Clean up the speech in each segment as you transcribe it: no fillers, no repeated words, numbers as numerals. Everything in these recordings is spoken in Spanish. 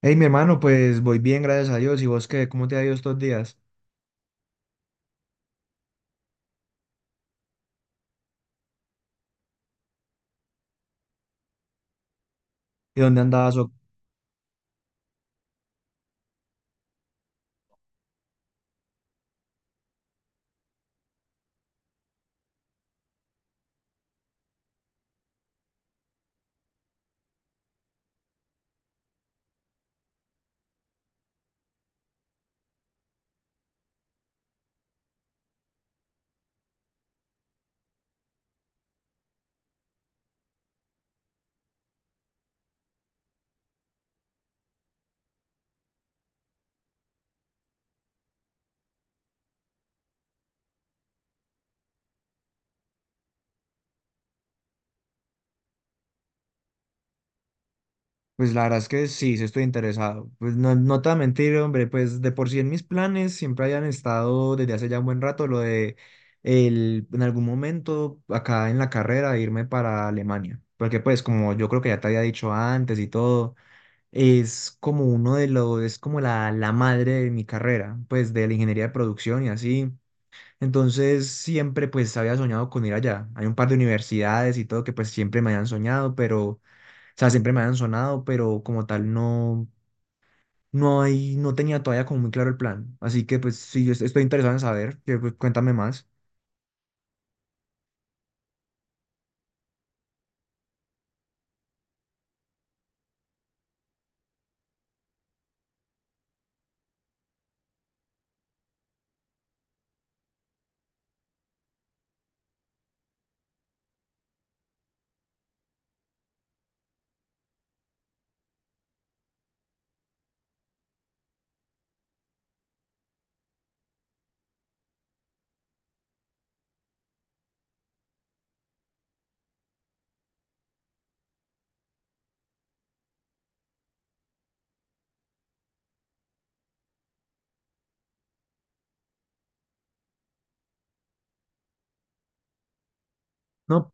Hey, mi hermano, pues voy bien, gracias a Dios. ¿Y vos qué? ¿Cómo te ha ido estos días? ¿Y dónde andabas? Pues la verdad es que sí, sí estoy interesado. Pues no, no te voy a mentir, hombre, pues de por sí en mis planes siempre hayan estado desde hace ya un buen rato lo de en algún momento acá en la carrera irme para Alemania. Porque pues como yo creo que ya te había dicho antes y todo, es como uno es como la madre de mi carrera, pues de la ingeniería de producción y así. Entonces siempre pues había soñado con ir allá. Hay un par de universidades y todo que pues siempre me habían soñado, pero, o sea, siempre me habían sonado, pero como tal no, no tenía todavía como muy claro el plan. Así que pues sí, yo estoy interesado en saber, que, pues, cuéntame más. No,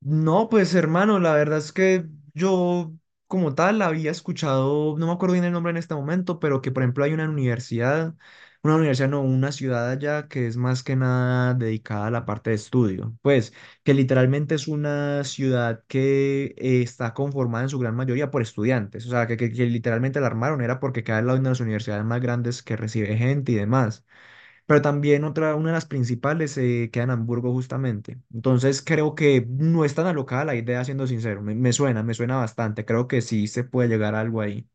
No, pues hermano, la verdad es que yo como tal había escuchado, no me acuerdo bien el nombre en este momento, pero que por ejemplo hay una universidad no, una ciudad allá que es más que nada dedicada a la parte de estudio, pues que literalmente es una ciudad que está conformada en su gran mayoría por estudiantes, o sea, que literalmente la armaron era porque cada una de las universidades más grandes que recibe gente y demás. Pero también otra, una de las principales se queda en Hamburgo justamente. Entonces creo que no es tan alocada la idea, siendo sincero. Me suena bastante. Creo que sí se puede llegar a algo ahí.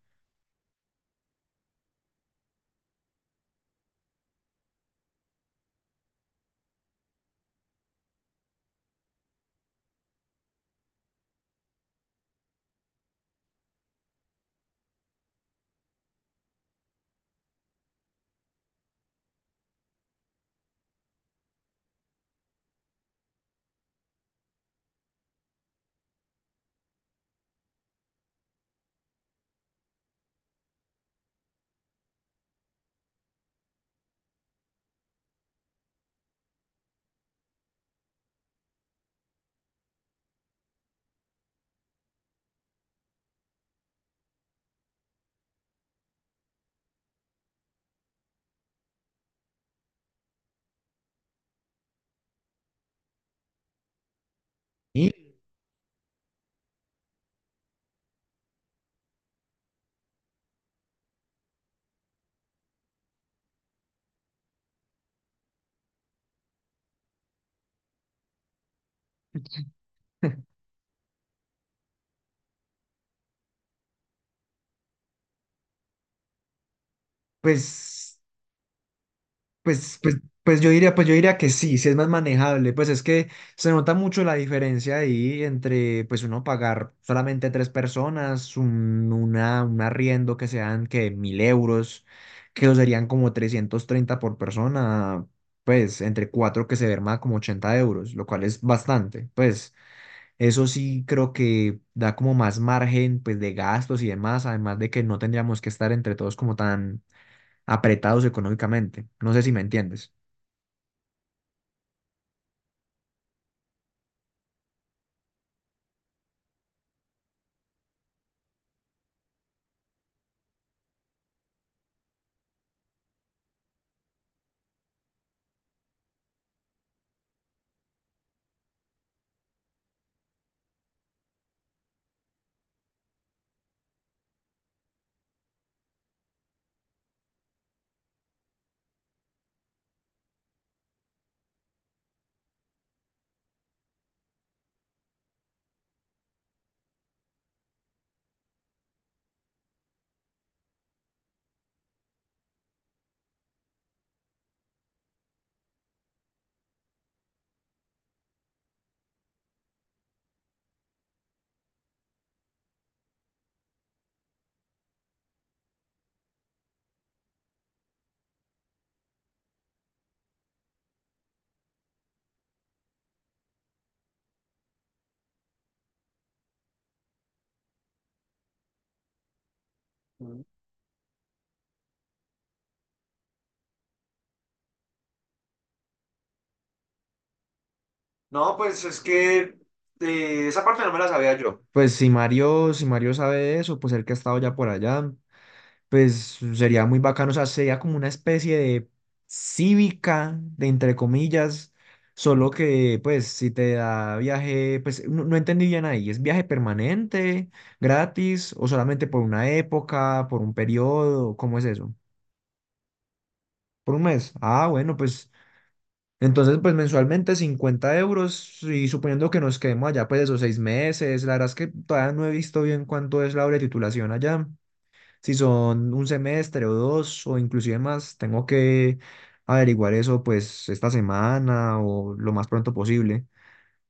Y pues Pues, pues, pues yo diría que sí, sí es más manejable. Pues es que se nota mucho la diferencia ahí entre pues uno pagar solamente tres personas, un arriendo que sean que 1000 euros, que eso serían como 330 por persona, pues entre cuatro que se verma como 80 euros, lo cual es bastante. Pues eso sí creo que da como más margen pues de gastos y demás, además de que no tendríamos que estar entre todos como tan apretados económicamente. No sé si me entiendes. Mm. No, pues es que esa parte no me la sabía yo. Pues si Mario, si Mario sabe de eso, pues el que ha estado ya por allá, pues sería muy bacano, o sea, sería como una especie de cívica, de entre comillas, solo que pues si te da viaje, pues no, no entendí bien ahí, ¿es viaje permanente, gratis o solamente por una época, por un periodo? ¿Cómo es eso? ¿Por un mes? Ah, bueno, pues entonces, pues mensualmente 50 euros y suponiendo que nos quedemos allá pues esos 6 meses, la verdad es que todavía no he visto bien cuánto es la hora de titulación allá, si son un semestre o dos o inclusive más, tengo que averiguar eso pues esta semana o lo más pronto posible.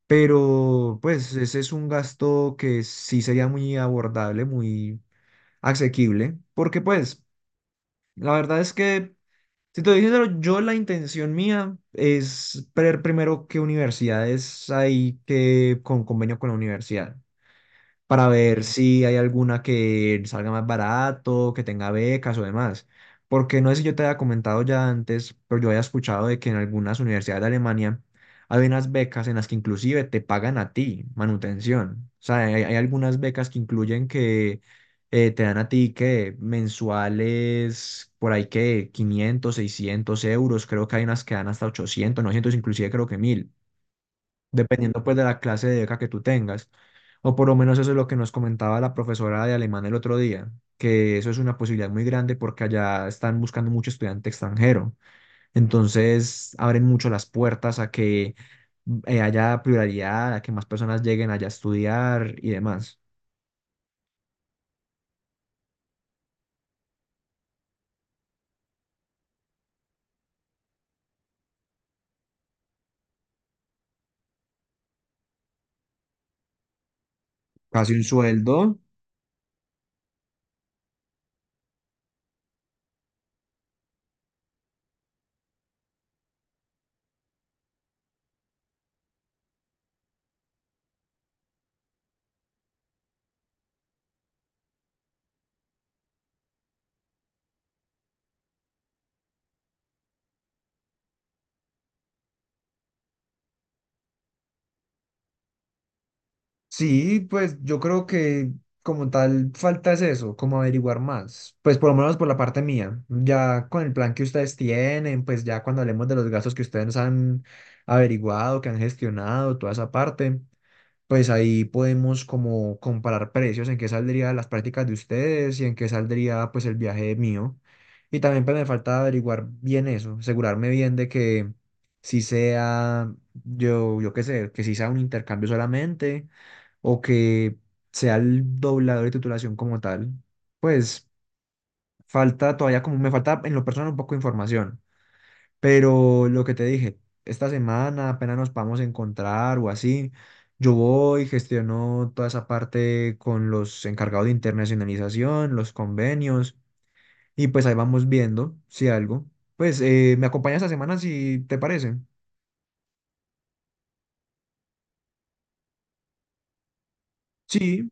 Pero pues ese es un gasto que sí sería muy abordable, muy asequible, porque pues... La verdad es que, si te dije, yo la intención mía es ver primero qué universidades hay que con convenio con la universidad para ver si hay alguna que salga más barato, que tenga becas o demás. Porque no sé si yo te había comentado ya antes, pero yo había escuchado de que en algunas universidades de Alemania hay unas becas en las que inclusive te pagan a ti manutención. O sea, hay algunas becas que incluyen que te dan a ti que mensuales, por ahí que 500, 600 euros, creo que hay unas que dan hasta 800, 900 inclusive creo que 1000 dependiendo pues de la clase de beca que tú tengas. O por lo menos eso es lo que nos comentaba la profesora de alemán el otro día, que eso es una posibilidad muy grande porque allá están buscando mucho estudiante extranjero. Entonces abren mucho las puertas a que haya pluralidad, a que más personas lleguen allá a estudiar y demás. Casi un sueldo. Sí, pues yo creo que como tal falta es eso, como averiguar más, pues por lo menos por la parte mía, ya con el plan que ustedes tienen, pues ya cuando hablemos de los gastos que ustedes han averiguado, que han gestionado, toda esa parte, pues ahí podemos como comparar precios, en qué saldría las prácticas de ustedes y en qué saldría pues el viaje mío. Y también pues me falta averiguar bien eso, asegurarme bien de que si sea, yo qué sé, que si sea un intercambio solamente o que sea el doblador de titulación como tal. Pues falta todavía, como me falta en lo personal un poco de información, pero lo que te dije, esta semana apenas nos podamos encontrar o así, yo voy, gestiono toda esa parte con los encargados de internacionalización, los convenios, y pues ahí vamos viendo si algo. Pues me acompañas esta semana si te parece. Sí.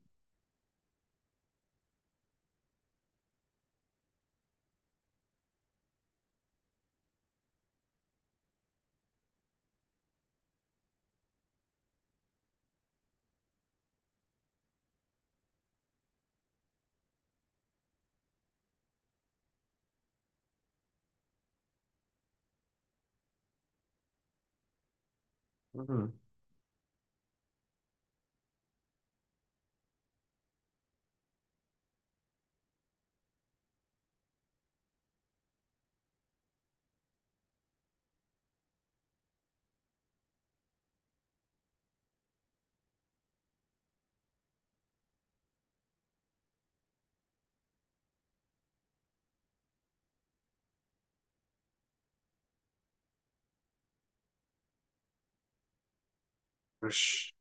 Ujú. Ush,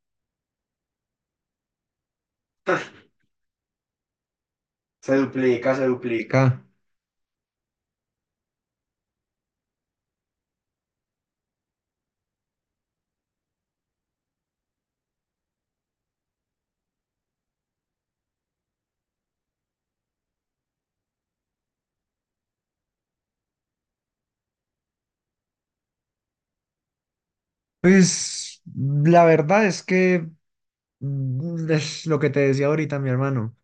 se duplica, se duplica. Pues la verdad es que mm, es lo que te decía ahorita, mi hermano.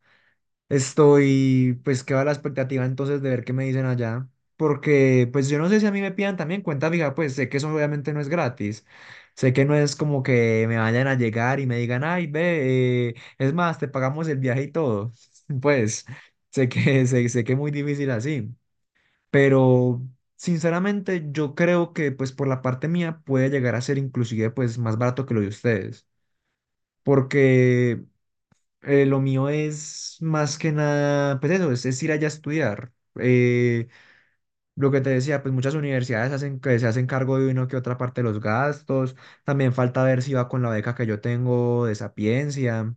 Estoy, pues, que va la expectativa entonces de ver qué me dicen allá. Porque, pues, yo no sé si a mí me pidan también cuenta fija, pues sé que eso obviamente no es gratis. Sé que no es como que me vayan a llegar y me digan, ay, ve, es más, te pagamos el viaje y todo. Pues, sé que, sé que es muy difícil así, pero sinceramente yo creo que pues por la parte mía puede llegar a ser inclusive pues más barato que lo de ustedes, porque lo mío es más que nada, pues eso, es ir allá a estudiar. Eh, lo que te decía, pues muchas universidades hacen que se hacen cargo de uno que otra parte de los gastos, también falta ver si va con la beca que yo tengo de Sapiencia,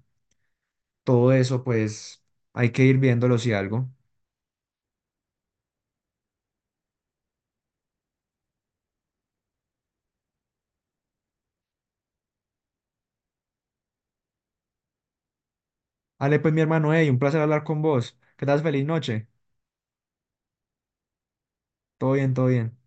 todo eso pues hay que ir viéndolo si algo. Ale, pues mi hermano, hey, un placer hablar con vos. Que estás feliz noche. Todo bien, todo bien.